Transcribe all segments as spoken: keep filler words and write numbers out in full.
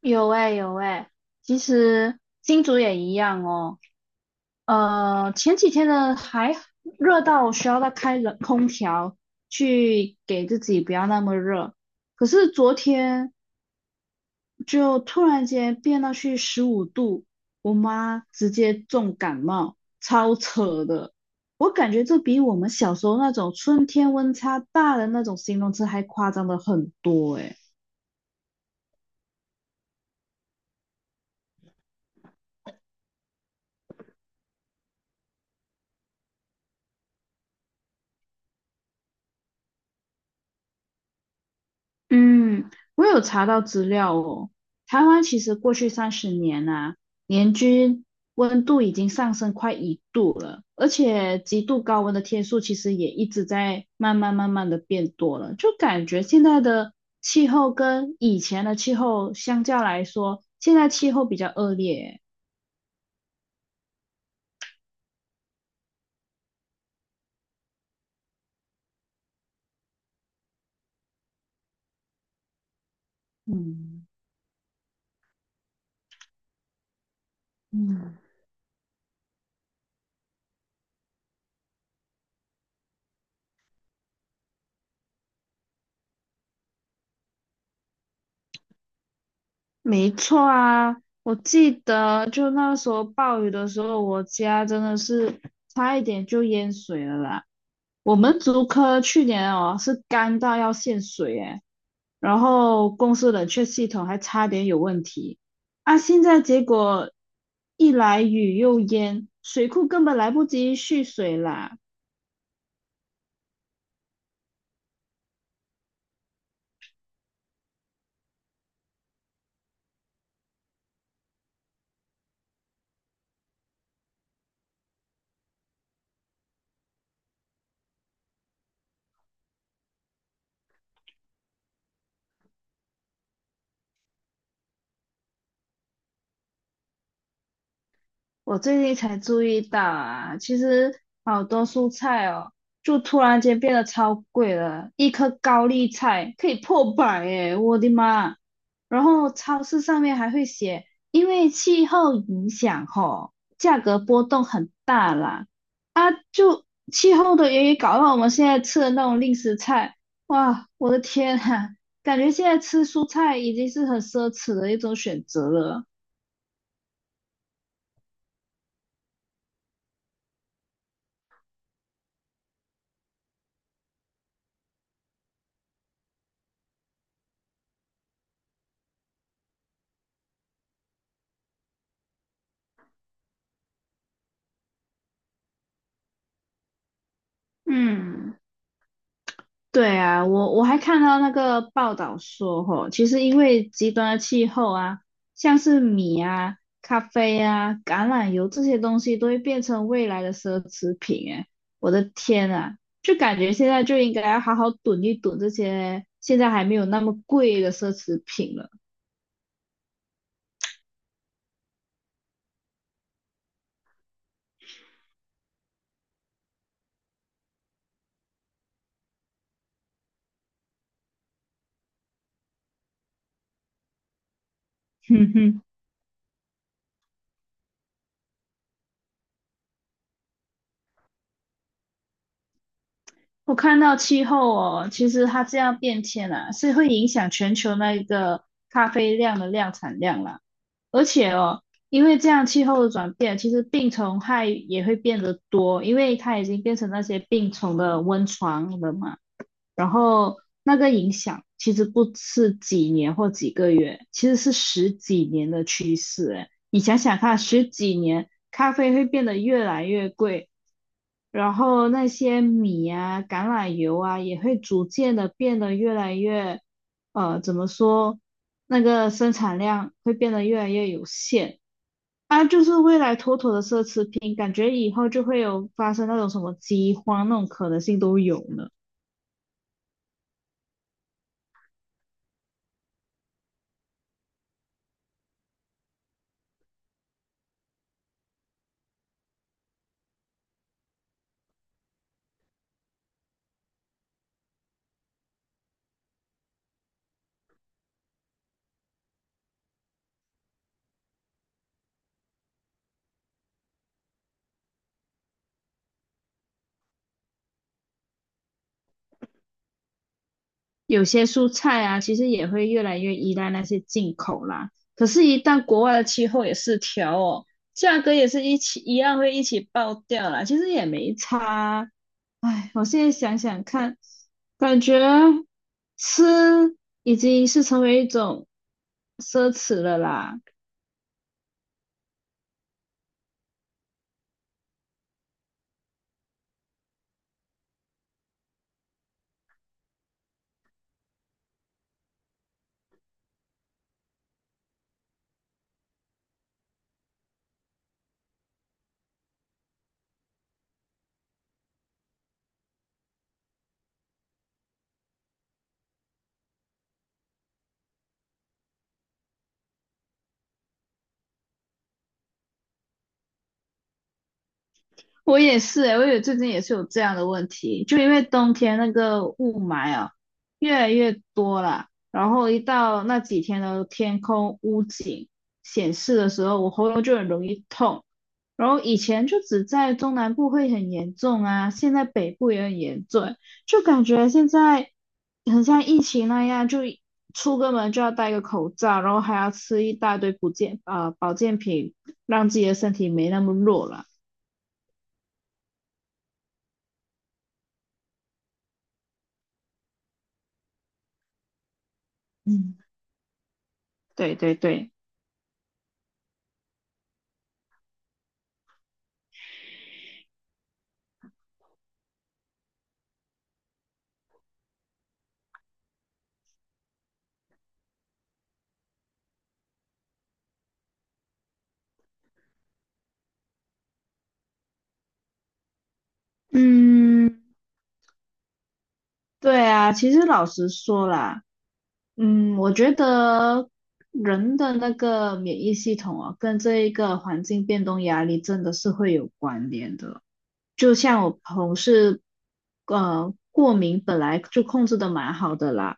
有哎、有哎、其实金竹也一样哦。呃，前几天呢还热到需要再开冷空调去给自己不要那么热，可是昨天就突然间变到去十五度，我妈直接重感冒，超扯的。我感觉这比我们小时候那种春天温差大的那种形容词还夸张的很多哎、嗯，我有查到资料哦。台湾其实过去三十年啊，年均温度已经上升快一度了，而且极度高温的天数其实也一直在慢慢慢慢的变多了。就感觉现在的气候跟以前的气候相较来说，现在气候比较恶劣。嗯嗯，没错啊，我记得就那时候暴雨的时候，我家真的是差一点就淹水了啦。我们竹科去年哦是干到要限水诶，然后公司冷却系统还差点有问题啊！现在结果一来雨又淹，水库根本来不及蓄水啦。我最近才注意到啊，其实好多蔬菜哦，就突然间变得超贵了，一颗高丽菜可以破百耶，我的妈！然后超市上面还会写，因为气候影响吼，价格波动很大啦。啊，就气候的原因搞到我们现在吃的那种令食菜，哇，我的天啊，感觉现在吃蔬菜已经是很奢侈的一种选择了。嗯。对啊，我我还看到那个报道说，吼，其实因为极端的气候啊，像是米啊、咖啡啊、橄榄油这些东西都会变成未来的奢侈品。哎，我的天啊，就感觉现在就应该要好好囤一囤这些现在还没有那么贵的奢侈品了。哼哼，我看到气候哦，其实它这样变迁啊，是会影响全球那个咖啡量的量产量啦。而且哦，因为这样气候的转变，其实病虫害也会变得多，因为它已经变成那些病虫的温床了嘛。然后那个影响其实不是几年或几个月，其实是十几年的趋势。哎，你想想看，十几年咖啡会变得越来越贵，然后那些米啊、橄榄油啊也会逐渐的变得越来越，呃，怎么说？那个生产量会变得越来越有限。啊，就是未来妥妥的奢侈品，感觉以后就会有发生那种什么饥荒那种可能性都有呢。有些蔬菜啊，其实也会越来越依赖那些进口啦。可是，一旦国外的气候也失调哦，价格也是一起一样会一起爆掉啦。其实也没差啊唉，我现在想想看，感觉吃已经是成为一种奢侈了啦。我也是诶，我也最近也是有这样的问题，就因为冬天那个雾霾啊越来越多了，然后一到那几天的天空屋景显示的时候，我喉咙就很容易痛。然后以前就只在中南部会很严重啊，现在北部也很严重，就感觉现在很像疫情那样，就出个门就要戴个口罩，然后还要吃一大堆保健啊、呃保健品，让自己的身体没那么弱了。嗯。对对对，嗯，对啊，其实老实说啦。嗯，我觉得人的那个免疫系统啊，跟这一个环境变动压力真的是会有关联的。就像我同事，呃，过敏本来就控制的蛮好的啦，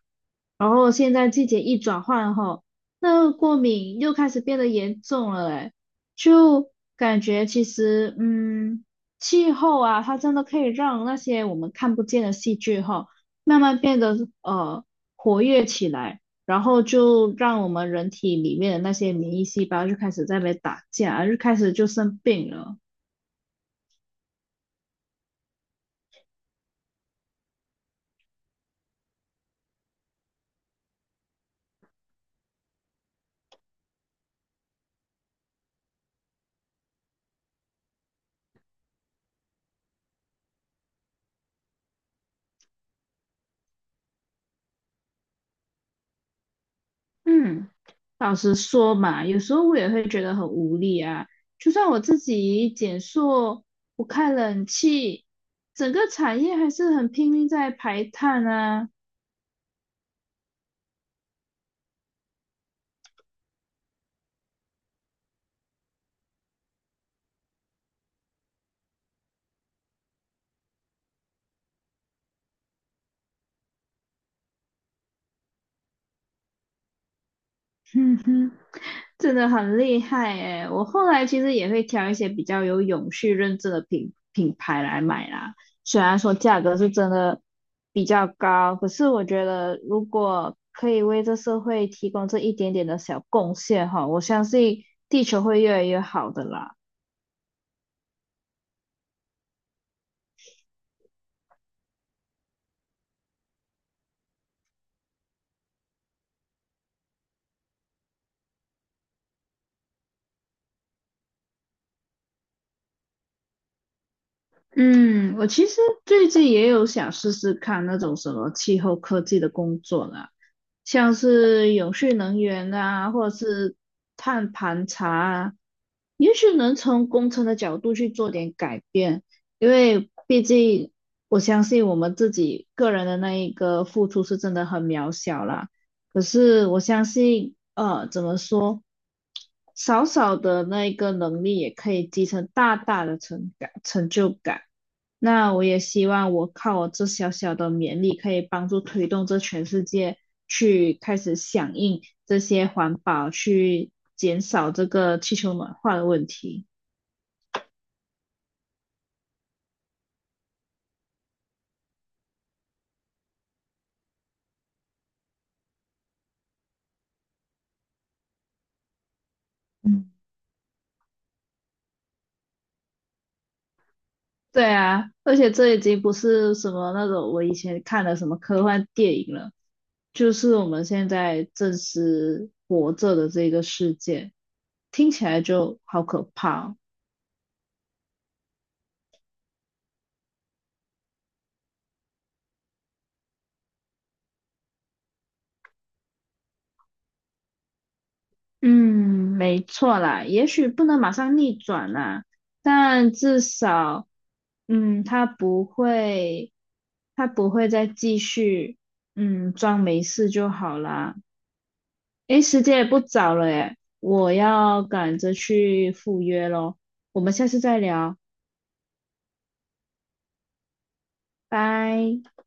然后现在季节一转换后，那个过敏又开始变得严重了，诶，就感觉其实，嗯，气候啊，它真的可以让那些我们看不见的细菌哈。慢慢变得呃活跃起来，然后就让我们人体里面的那些免疫细胞就开始在那边打架，就开始就生病了。嗯老实说嘛，有时候我也会觉得很无力啊。就算我自己减塑，不开冷气，整个产业还是很拼命在排碳啊。嗯哼，真的很厉害诶，我后来其实也会挑一些比较有永续认证的品品牌来买啦，虽然说价格是真的比较高，可是我觉得如果可以为这社会提供这一点点的小贡献哈，我相信地球会越来越好的啦。嗯，我其实最近也有想试试看那种什么气候科技的工作啦，像是永续能源啊，或者是碳盘查啊，也许能从工程的角度去做点改变，因为毕竟我相信我们自己个人的那一个付出是真的很渺小啦。可是我相信，呃，怎么说，少少的那一个能力也可以积成大大的成感成就感。那我也希望我靠我这小小的勉力，可以帮助推动这全世界去开始响应这些环保，去减少这个气球暖化的问题。嗯。对啊，而且这已经不是什么那种我以前看的什么科幻电影了，就是我们现在正是活着的这个世界，听起来就好可怕哦嗯，没错啦，也许不能马上逆转啦，但至少，嗯，它不会，它不会再继续，嗯，装没事就好啦。诶，时间也不早了诶，我要赶着去赴约咯。我们下次再聊，拜。